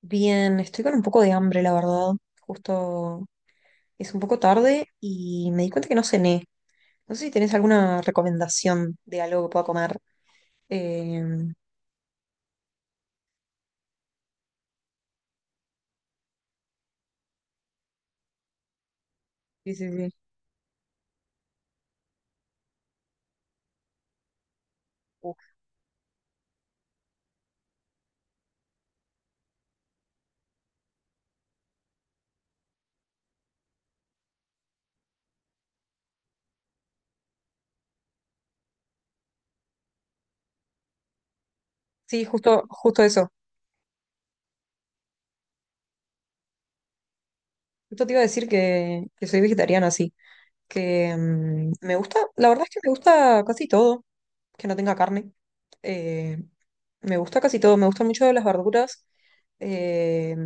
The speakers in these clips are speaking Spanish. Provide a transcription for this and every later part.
Bien, estoy con un poco de hambre, la verdad. Justo es un poco tarde y me di cuenta que no cené. No sé si tenés alguna recomendación de algo que pueda comer. Eh, sí, sí, sí. Uf. Sí, justo, justo eso. Justo te iba a decir que soy vegetariana, sí. Que me gusta, la verdad es que me gusta casi todo, que no tenga carne. Eh, me gusta casi todo, me gustan mucho las verduras, eh,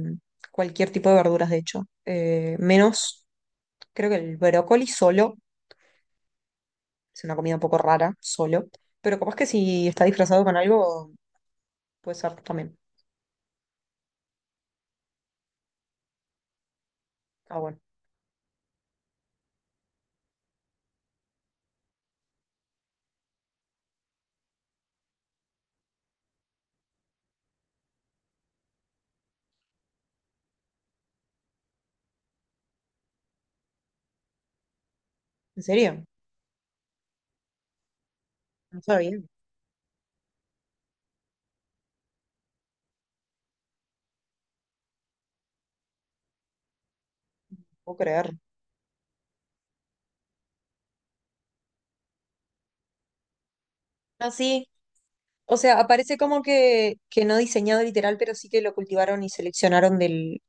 cualquier tipo de verduras, de hecho. Menos creo que el brócoli solo es una comida un poco rara, solo. Pero capaz que si está disfrazado con algo, puede ser también. Ah, bueno. ¿En serio? No sabía. No puedo creer. Ah, sí. O sea, aparece como que no diseñado literal, pero sí que lo cultivaron y seleccionaron del,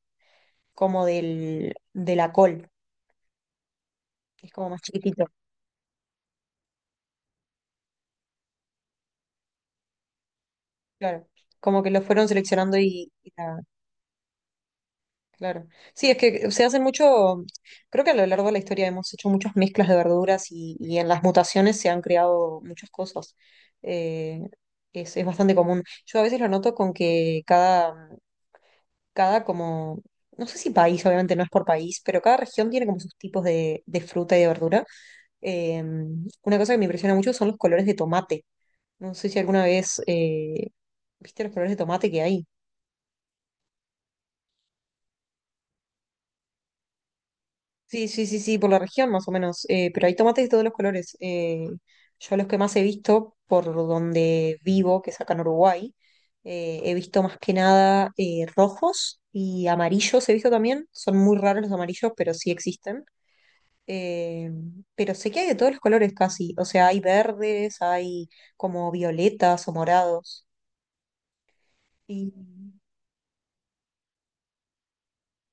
como del, de la col, que es como más chiquitito. Claro. Como que lo fueron seleccionando y la- Claro. Sí, es que se hacen mucho, creo que a lo largo de la historia hemos hecho muchas mezclas de verduras y en las mutaciones se han creado muchas cosas. Eh, es bastante común. Yo a veces lo noto con que cada como, no sé si país, obviamente no es por país, pero cada región tiene como sus tipos de fruta y de verdura. Eh, una cosa que me impresiona mucho son los colores de tomate. No sé si alguna vez viste los colores de tomate que hay. Sí, sí, sí, sí, por la región más o menos. Pero hay tomates de todos los colores. Yo los que más he visto por donde vivo, que es acá en Uruguay, he visto más que nada rojos y amarillos he visto también. Son muy raros los amarillos, pero sí existen. eh, pero sé que hay de todos los colores casi. O sea, hay verdes, hay como violetas o morados. Y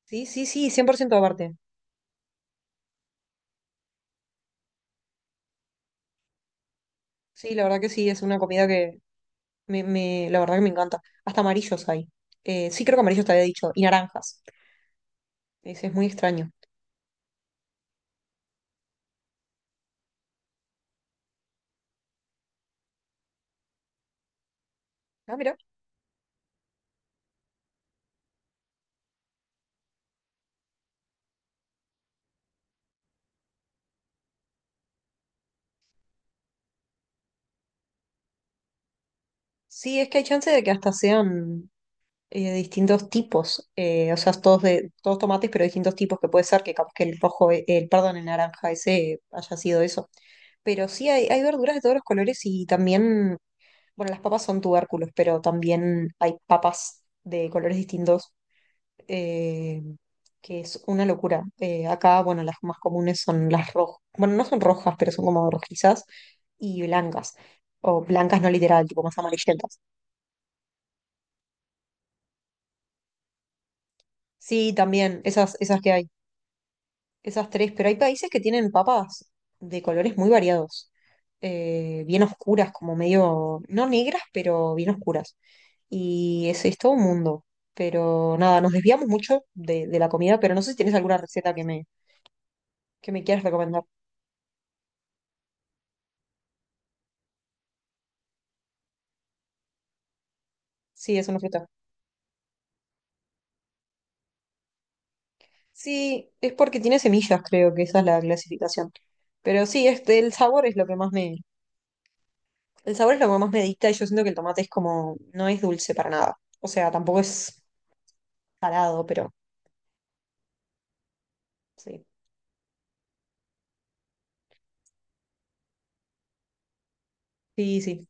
sí, sí, sí, 100% aparte. Sí, la verdad que sí, es una comida que, la verdad que me encanta. Hasta amarillos hay. Sí, creo que amarillos te había dicho. Y naranjas. Es muy extraño. Ah, mira. Sí, es que hay chance de que hasta sean distintos tipos. O sea, todos, de, todos tomates, pero distintos tipos que puede ser que capaz que el rojo, perdón, el naranja ese haya sido eso. Pero sí, hay verduras de todos los colores y también, bueno, las papas son tubérculos, pero también hay papas de colores distintos eh, que es una locura. Acá, bueno, las más comunes son las rojas, bueno, no son rojas, pero son como rojizas y blancas, o blancas no literal, tipo más amarillentas. Sí, también, esas que hay, esas tres, pero hay países que tienen papas de colores muy variados, bien oscuras, como medio, no negras, pero bien oscuras. Y ese es todo un mundo. Pero nada, nos desviamos mucho de la comida, pero no sé si tienes alguna receta que me quieras recomendar. Sí, es una fruta. Sí, es porque tiene semillas, creo que esa es la clasificación. Pero sí, este, el sabor es lo que más me dicta y yo siento que el tomate es como, no es dulce para nada. O sea, tampoco es salado, pero sí. Sí, sí.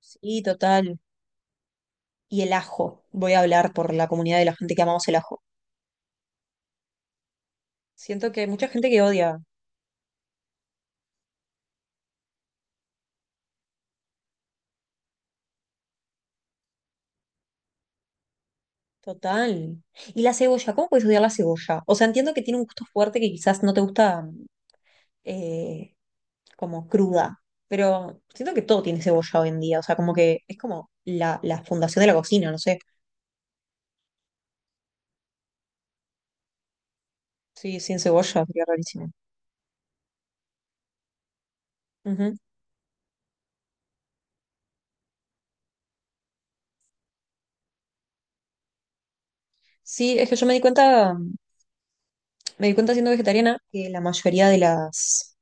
Sí, total. Y el ajo. Voy a hablar por la comunidad de la gente que amamos el ajo. Siento que hay mucha gente que odia. Total. Y la cebolla, ¿cómo puedes odiar la cebolla? O sea, entiendo que tiene un gusto fuerte que quizás no te gusta, eh, como cruda, pero siento que todo tiene cebolla hoy en día, o sea, como que es como la fundación de la cocina, no sé. Sí, sin cebolla sería rarísimo. Ujú. Sí, es que yo me di cuenta siendo vegetariana que la mayoría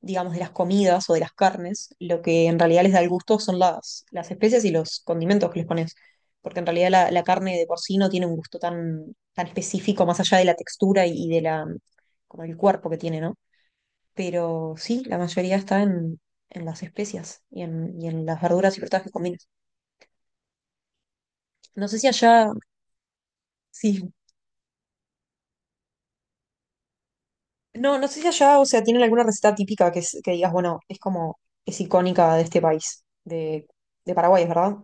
digamos, de las comidas o de las carnes, lo que en realidad les da el gusto son las especias y los condimentos que les pones. Porque en realidad la carne de por sí no tiene un gusto tan específico más allá de la textura como el cuerpo que tiene, ¿no? Pero sí, la mayoría está en las especias y y en las verduras y frutas que combinas. No sé si allá, sí, no, no sé si allá, o sea, tienen alguna receta típica que digas, bueno, es como, es icónica de este país, de Paraguay, es ¿verdad?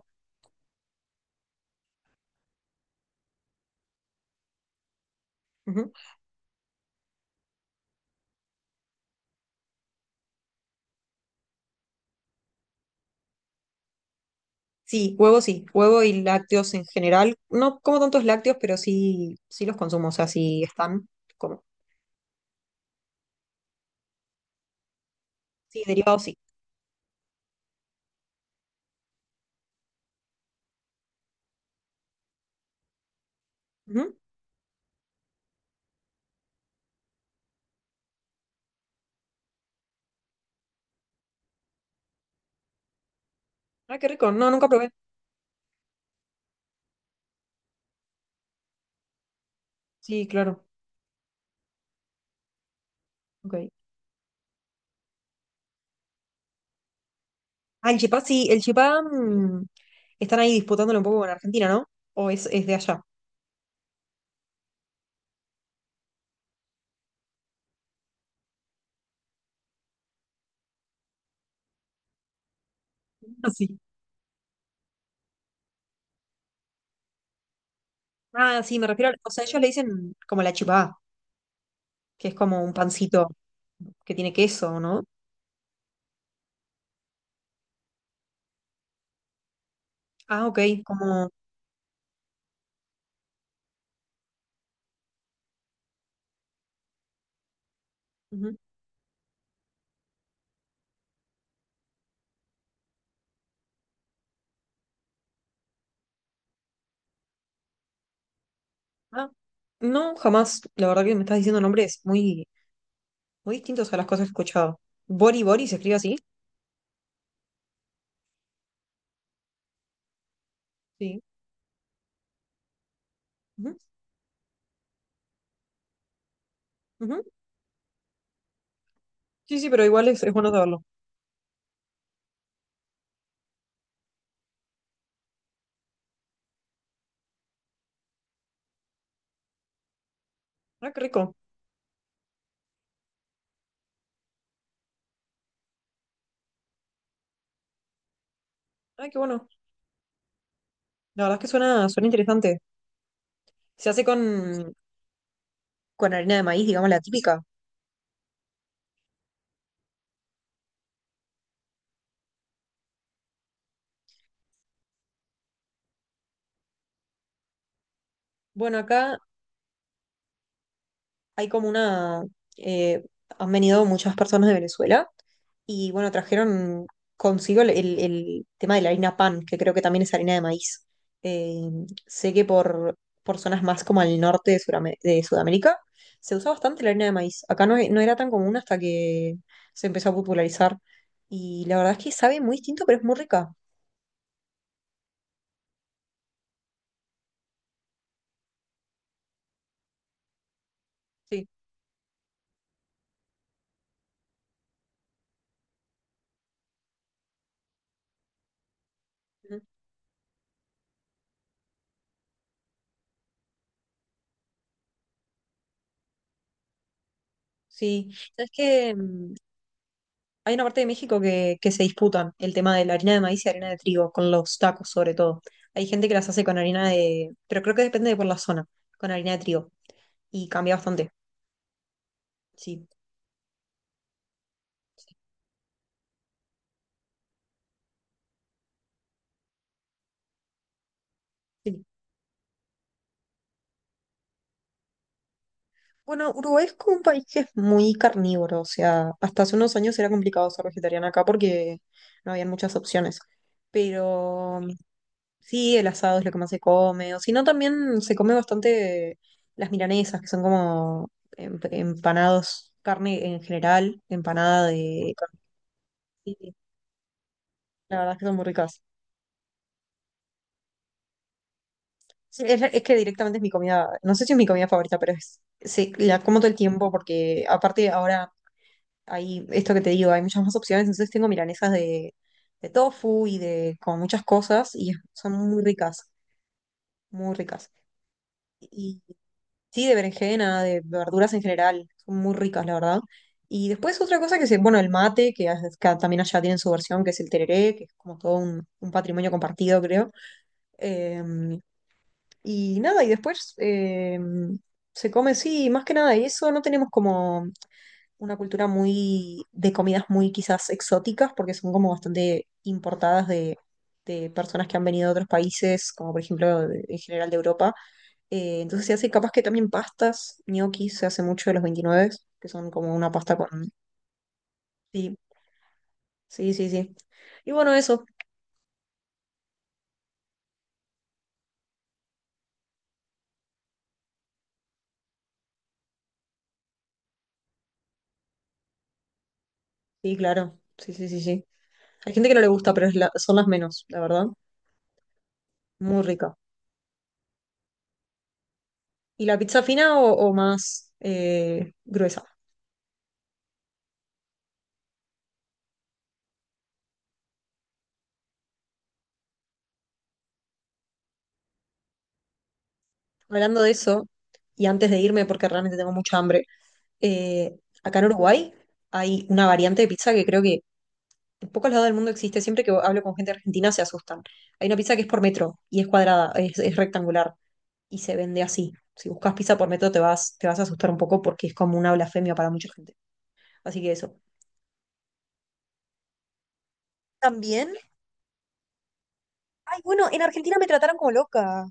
Ujú. Sí, huevo y lácteos en general. No como tantos lácteos, pero sí, sí los consumo, o sea, sí están como. Sí, derivados sí. Ujú. Ah, qué rico, no, nunca probé. Sí, claro. Ok. Ah, el Chipá, sí, el Chipá están ahí disputándolo un poco con Argentina, ¿no? ¿O es de allá? Ah, sí. Ah, sí, me refiero al- O sea, ellos le dicen como la Chipá, que es como un pancito que tiene queso, ¿no? Ah, ok, como... ujú. Ah, no, jamás. La verdad que me estás diciendo nombres muy, muy distintos a las cosas que he escuchado. Bori Bori se escribe así. Sí. Ujú, ujú. Sí, sí, pero igual es bueno saberlo. Ah, qué rico. Ah, qué bueno. La verdad es que suena, suena interesante. Se hace con harina de maíz, digamos, la típica. Bueno, acá hay como una... eh, han venido muchas personas de Venezuela y bueno, trajeron consigo el tema de la harina pan, que creo que también es harina de maíz. Eh, sé que por zonas más como al norte de, de Sudamérica se usa bastante la harina de maíz. Acá no, no era tan común hasta que se empezó a popularizar. Y la verdad es que sabe muy distinto, pero es muy rica. Sí. Ujú. Sí. ¿Sabes qué? Hay una parte de México que se disputan el tema de la harina de maíz y harina de trigo, con los tacos sobre todo. Hay gente que las hace con harina de, pero creo que depende de por la zona, con harina de trigo. Y cambia bastante. Sí. sí, sí. Bueno, Uruguay es como un país que es muy carnívoro, o sea, hasta hace unos años era complicado ser vegetariana acá porque no había muchas opciones. Pero sí, el asado es lo que más se come. O si no, también se come bastante las milanesas, que son como empanados, carne en general, empanada de carne. Sí, la verdad es que son muy ricas. Sí, es que directamente es mi comida, no sé si es mi comida favorita, pero es, sí, la como todo el tiempo porque aparte ahora hay esto que te digo, hay muchas más opciones, entonces tengo milanesas de tofu y de como muchas cosas y son muy ricas, muy ricas. Sí, de berenjena, de verduras en general, son muy ricas, la verdad. Y después otra cosa que se, bueno, el mate, que acá también allá tienen su versión, que es el tereré, que es como todo un patrimonio compartido, creo. Eh, y nada, y después se come, sí, más que nada, y eso no tenemos como una cultura muy de comidas muy quizás exóticas, porque son como bastante importadas de personas que han venido de otros países, como por ejemplo en general de Europa. Entonces se hace capaz que también pastas, gnocchi se hace mucho de los 29, que son como una pasta con... Sí, sí, sí, sí. Y bueno, eso, sí, claro, sí, sí, sí, sí. Hay gente que no le gusta, pero es la- son las menos, la verdad. Muy rica. ¿Y la pizza fina o más gruesa? Hablando de eso, y antes de irme, porque realmente tengo mucha hambre, eh, acá en Uruguay hay una variante de pizza que creo que en pocos lados del mundo existe. Siempre que hablo con gente argentina se asustan. Hay una pizza que es por metro y es cuadrada, es rectangular y se vende así. Si buscas pizza por metro te vas a asustar un poco porque es como una blasfemia para mucha gente. Así que eso. También, ay, bueno, en Argentina me trataron como loca.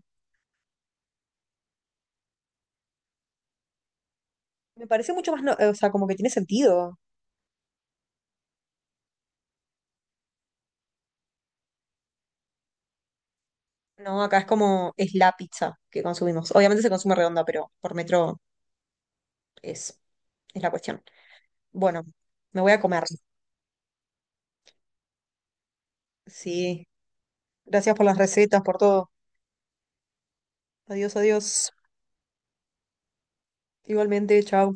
Me parece mucho más, o sea, como que tiene sentido. No, acá es como, es la pizza que consumimos. Obviamente se consume redonda, pero por metro es, es la cuestión. Bueno, me voy a comer. Sí. Gracias por las recetas, por todo. Adiós, adiós. Igualmente, chao.